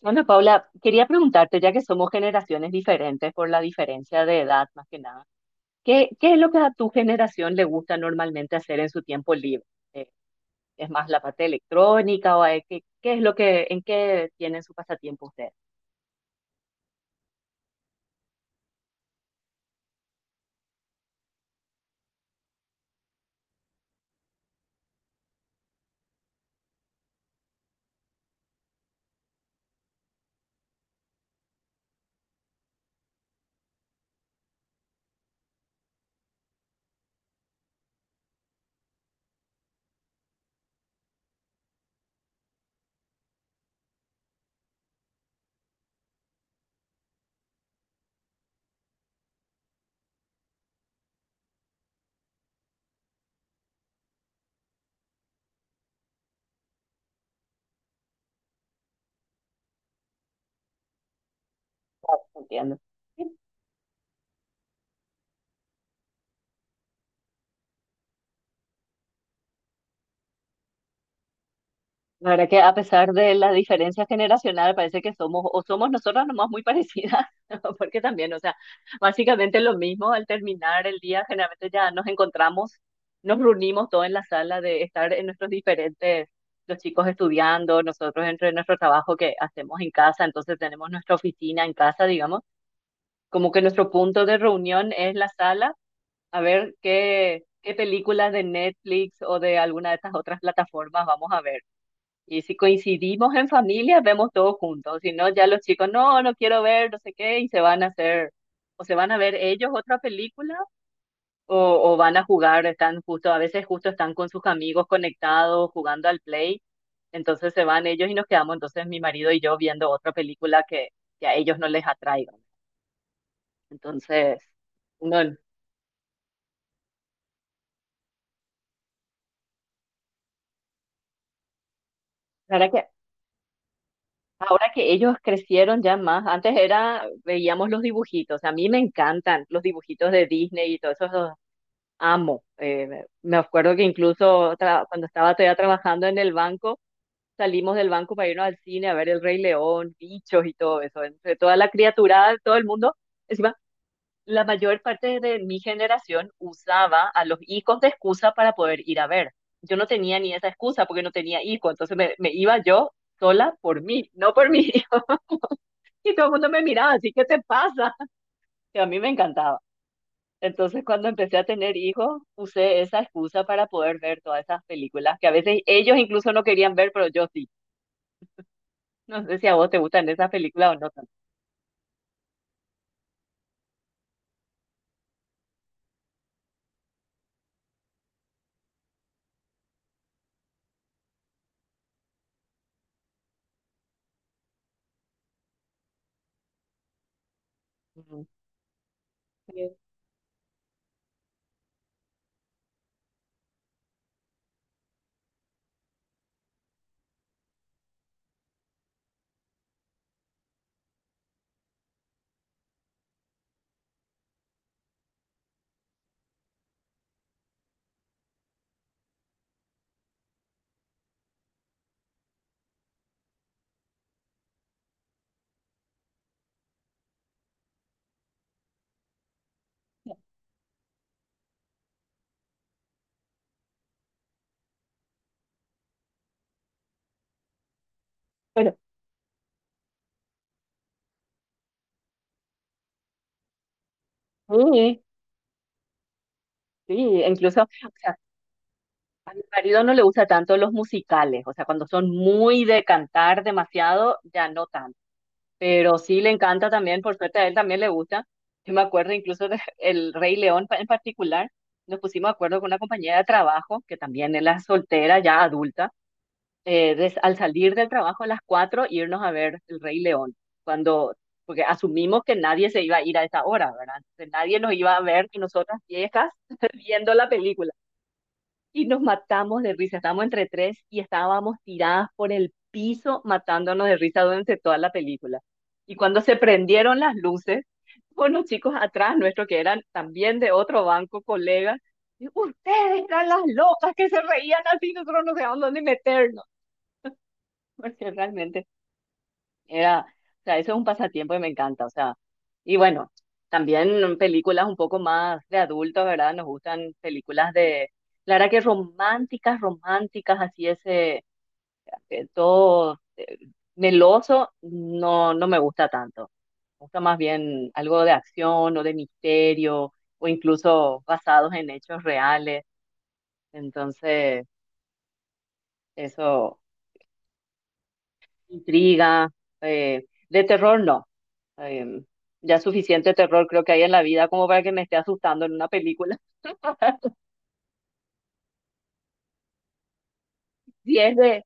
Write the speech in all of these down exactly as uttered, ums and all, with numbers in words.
Bueno, Paula, quería preguntarte, ya que somos generaciones diferentes por la diferencia de edad más que nada, ¿qué, qué es lo que a tu generación le gusta normalmente hacer en su tiempo libre? Eh, ¿Es más la parte electrónica o hay que- qué, es lo que, en qué tienen su pasatiempo ustedes? Entiendo. La verdad que a pesar de la diferencia generacional, parece que somos, o somos nosotras nomás muy parecidas, porque también, o sea, básicamente lo mismo. Al terminar el día, generalmente ya nos encontramos, nos reunimos todos en la sala de estar en nuestros diferentes, los chicos estudiando, nosotros entre nuestro trabajo que hacemos en casa, entonces tenemos nuestra oficina en casa, digamos, como que nuestro punto de reunión es la sala, a ver qué, qué películas de Netflix o de alguna de estas otras plataformas vamos a ver. Y si coincidimos en familia, vemos todos juntos. Si no, ya los chicos, no, no quiero ver, no sé qué, y se van a hacer, o se van a ver ellos otra película, o, o van a jugar, están justo, a veces justo están con sus amigos conectados, jugando al play. Entonces se van ellos y nos quedamos, entonces mi marido y yo viendo otra película que, que a ellos no les atraiga. Entonces, no, la verdad que ahora que ellos crecieron ya más, antes era, veíamos los dibujitos. A mí me encantan los dibujitos de Disney y todos esos amo. Eh, me acuerdo que incluso tra- cuando estaba todavía trabajando en el banco, salimos del banco para irnos al cine a ver El Rey León, bichos y todo eso. Entre toda la criaturada de todo el mundo, encima, la mayor parte de mi generación usaba a los hijos de excusa para poder ir a ver. Yo no tenía ni esa excusa porque no tenía hijo, entonces me, me iba yo sola por mí, no por mi hijo. Y todo el mundo me miraba, así, ¿qué te pasa? Que a mí me encantaba. Entonces, cuando empecé a tener hijos, usé esa excusa para poder ver todas esas películas que a veces ellos incluso no querían ver, pero yo sí. No sé si a vos te gustan esas películas o no tanto. Mm, sí. Bueno, sí, sí, e incluso, o sea, a mi marido no le gusta tanto los musicales, o sea, cuando son muy de cantar demasiado, ya no tanto, pero sí le encanta también, por suerte a él también le gusta. Yo me acuerdo incluso de El Rey León pa- en particular, nos pusimos de acuerdo con una compañera de trabajo, que también él es soltera, ya adulta, eh, des- al salir del trabajo a las cuatro irnos a ver El Rey León, cuando, porque asumimos que nadie se iba a ir a esa hora, ¿verdad? Entonces, nadie nos iba a ver y nosotras viejas viendo la película. Y nos matamos de risa, estábamos entre tres y estábamos tiradas por el piso matándonos de risa durante toda la película. Y cuando se prendieron las luces, unos chicos atrás nuestro que eran también de otro banco, colegas, y, ustedes eran las locas que se reían así, nosotros no sabíamos dónde meternos. Porque realmente era, o sea, eso es un pasatiempo que me encanta, o sea, y bueno, también películas un poco más de adultos, ¿verdad? Nos gustan películas de, la verdad que románticas, románticas, así ese, eh, todo eh, meloso, no, no me gusta tanto. Me gusta más bien algo de acción o de misterio, o incluso basados en hechos reales, entonces, eso. Intriga, eh, de terror no. Em, ya suficiente terror creo que hay en la vida como para que me esté asustando en una película. Si es de,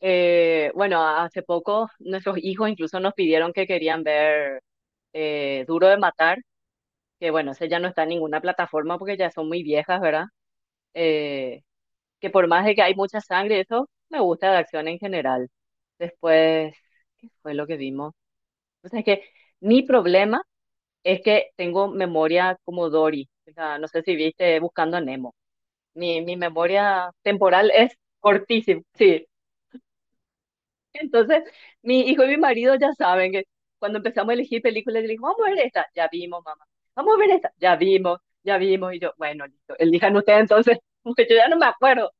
eh, Bueno, hace poco nuestros hijos incluso nos pidieron que querían ver eh, Duro de Matar, que bueno, ese ya no está en ninguna plataforma porque ya son muy viejas, ¿verdad? Eh, que por más de que hay mucha sangre, eso me gusta de acción en general. Después, ¿qué fue lo que vimos? O sea, es que mi problema... Es que tengo memoria como Dory. O sea, no sé si viste Buscando a Nemo. Mi, mi memoria temporal es cortísima, sí. Entonces, mi hijo y mi marido ya saben que cuando empezamos a elegir películas, le digo, vamos a ver esta, ya vimos, mamá. Vamos a ver esta, ya vimos, ya vimos. Y yo, bueno, listo, elijan ustedes entonces, porque yo ya no me acuerdo.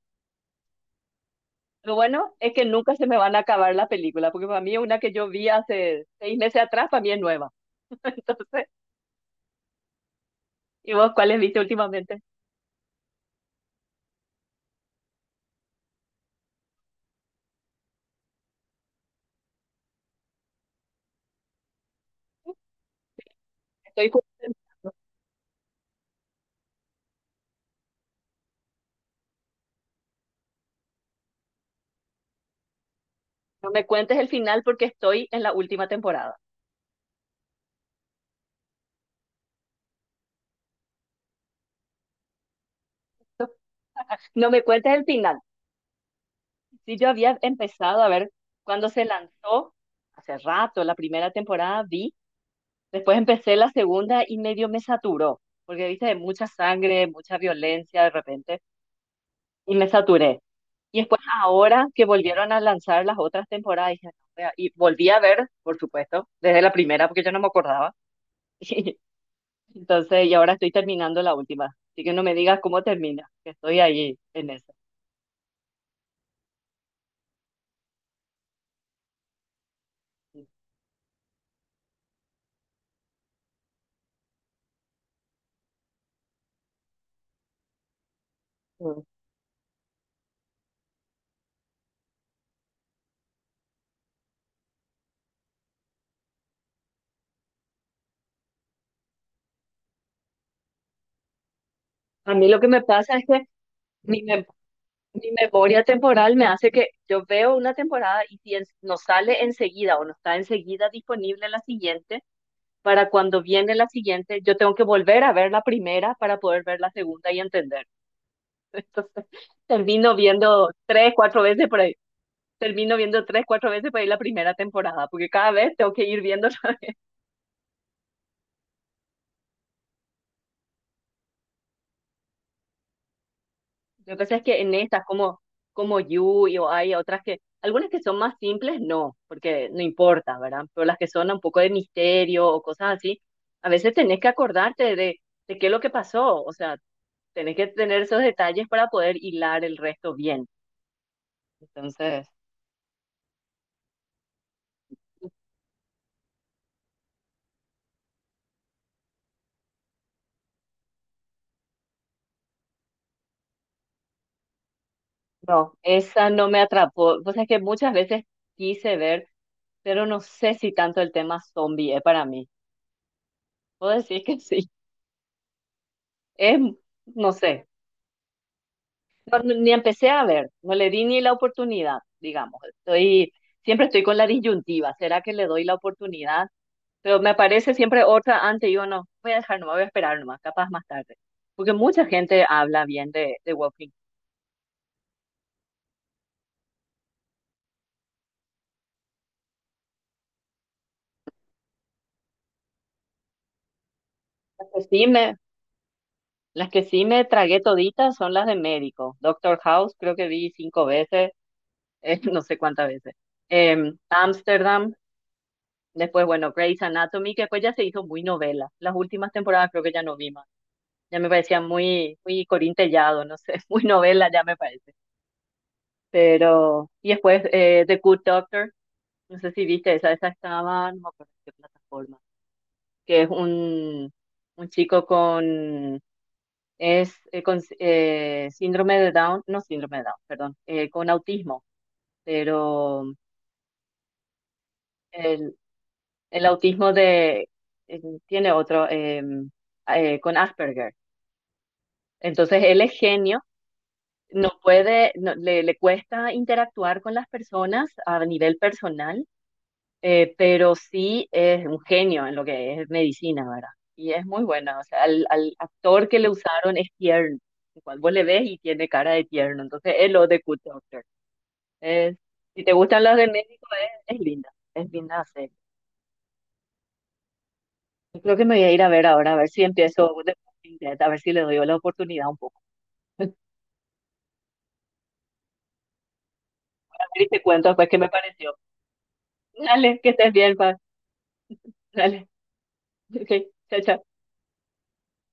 Lo bueno es que nunca se me van a acabar la película, porque para mí una que yo vi hace seis meses atrás, para mí es nueva. Entonces, ¿y vos cuáles viste últimamente? Estoy jugando. No me cuentes el final porque estoy en la última temporada. No me cuentes el final. Si yo había empezado a ver cuando se lanzó, hace rato, la primera temporada vi, después empecé la segunda y medio me saturó, porque viste, de mucha sangre, mucha violencia de repente, y me saturé. Y después ahora que volvieron a lanzar las otras temporadas, dije, "No, vea", y volví a ver, por supuesto, desde la primera, porque yo no me acordaba. Entonces, y ahora estoy terminando la última. Así que no me digas cómo termina, que estoy ahí en eso. Mm. A mí lo que me pasa es que mi, mem- mi memoria temporal me hace que yo veo una temporada y si en- no sale enseguida o no está enseguida disponible la siguiente, para cuando viene la siguiente, yo tengo que volver a ver la primera para poder ver la segunda y entender. Entonces, termino viendo tres, cuatro veces por ahí. Termino viendo tres, cuatro veces por ahí la primera temporada, porque cada vez tengo que ir viendo. Lo que pasa es que en estas, como, como Yui o hay otras que, algunas que son más simples, no, porque no importa, ¿verdad? Pero las que son un poco de misterio o cosas así, a veces tenés que acordarte de, de qué es lo que pasó, o sea, tenés que tener esos detalles para poder hilar el resto bien. Entonces, no, esa no me atrapó. Pues es que muchas veces quise ver, pero no sé si tanto el tema zombie es para mí. Puedo decir que sí. Es, no sé. No- ni empecé a ver, no le di ni la oportunidad, digamos. Estoy, siempre estoy con la disyuntiva, ¿será que le doy la oportunidad? Pero me parece siempre otra antes, yo no, voy a dejar, no voy a esperar nomás, capaz más tarde. Porque mucha gente habla bien de, de, Walking. Las que sí me, las que sí me tragué toditas son las de médico. Doctor House, creo que vi cinco veces, eh, no sé cuántas veces. Em, Amsterdam, después, bueno, Grey's Anatomy, que después ya se hizo muy novela. Las últimas temporadas creo que ya no vi más. Ya me parecía muy, muy Corín Tellado, no sé, muy novela ya me parece. Pero, y después eh, The Good Doctor, no sé si viste esa, esa estaba, no me acuerdo en qué plataforma, que es un, un chico con, es eh, con eh, síndrome de Down, no síndrome de Down, perdón, eh, con autismo, pero el, el autismo de, eh, tiene otro, eh, eh, con Asperger. Entonces él es genio, no puede, no- le, le, cuesta interactuar con las personas a nivel personal, eh, pero sí es un genio en lo que es medicina, ¿verdad? Y es muy buena, o sea, al, al actor que le usaron es tierno, igual vos le ves y tiene cara de tierno, entonces es lo de Good Doctor. Es- si te gustan las de médico, es, es linda, es linda hacer. Yo creo que me voy a ir a ver ahora, a ver si empiezo The Walking Dead, a ver si le doy la oportunidad un poco. A ver y te cuento después qué me pareció. Dale, que estés bien, pa. Dale. Ok, chao, chao.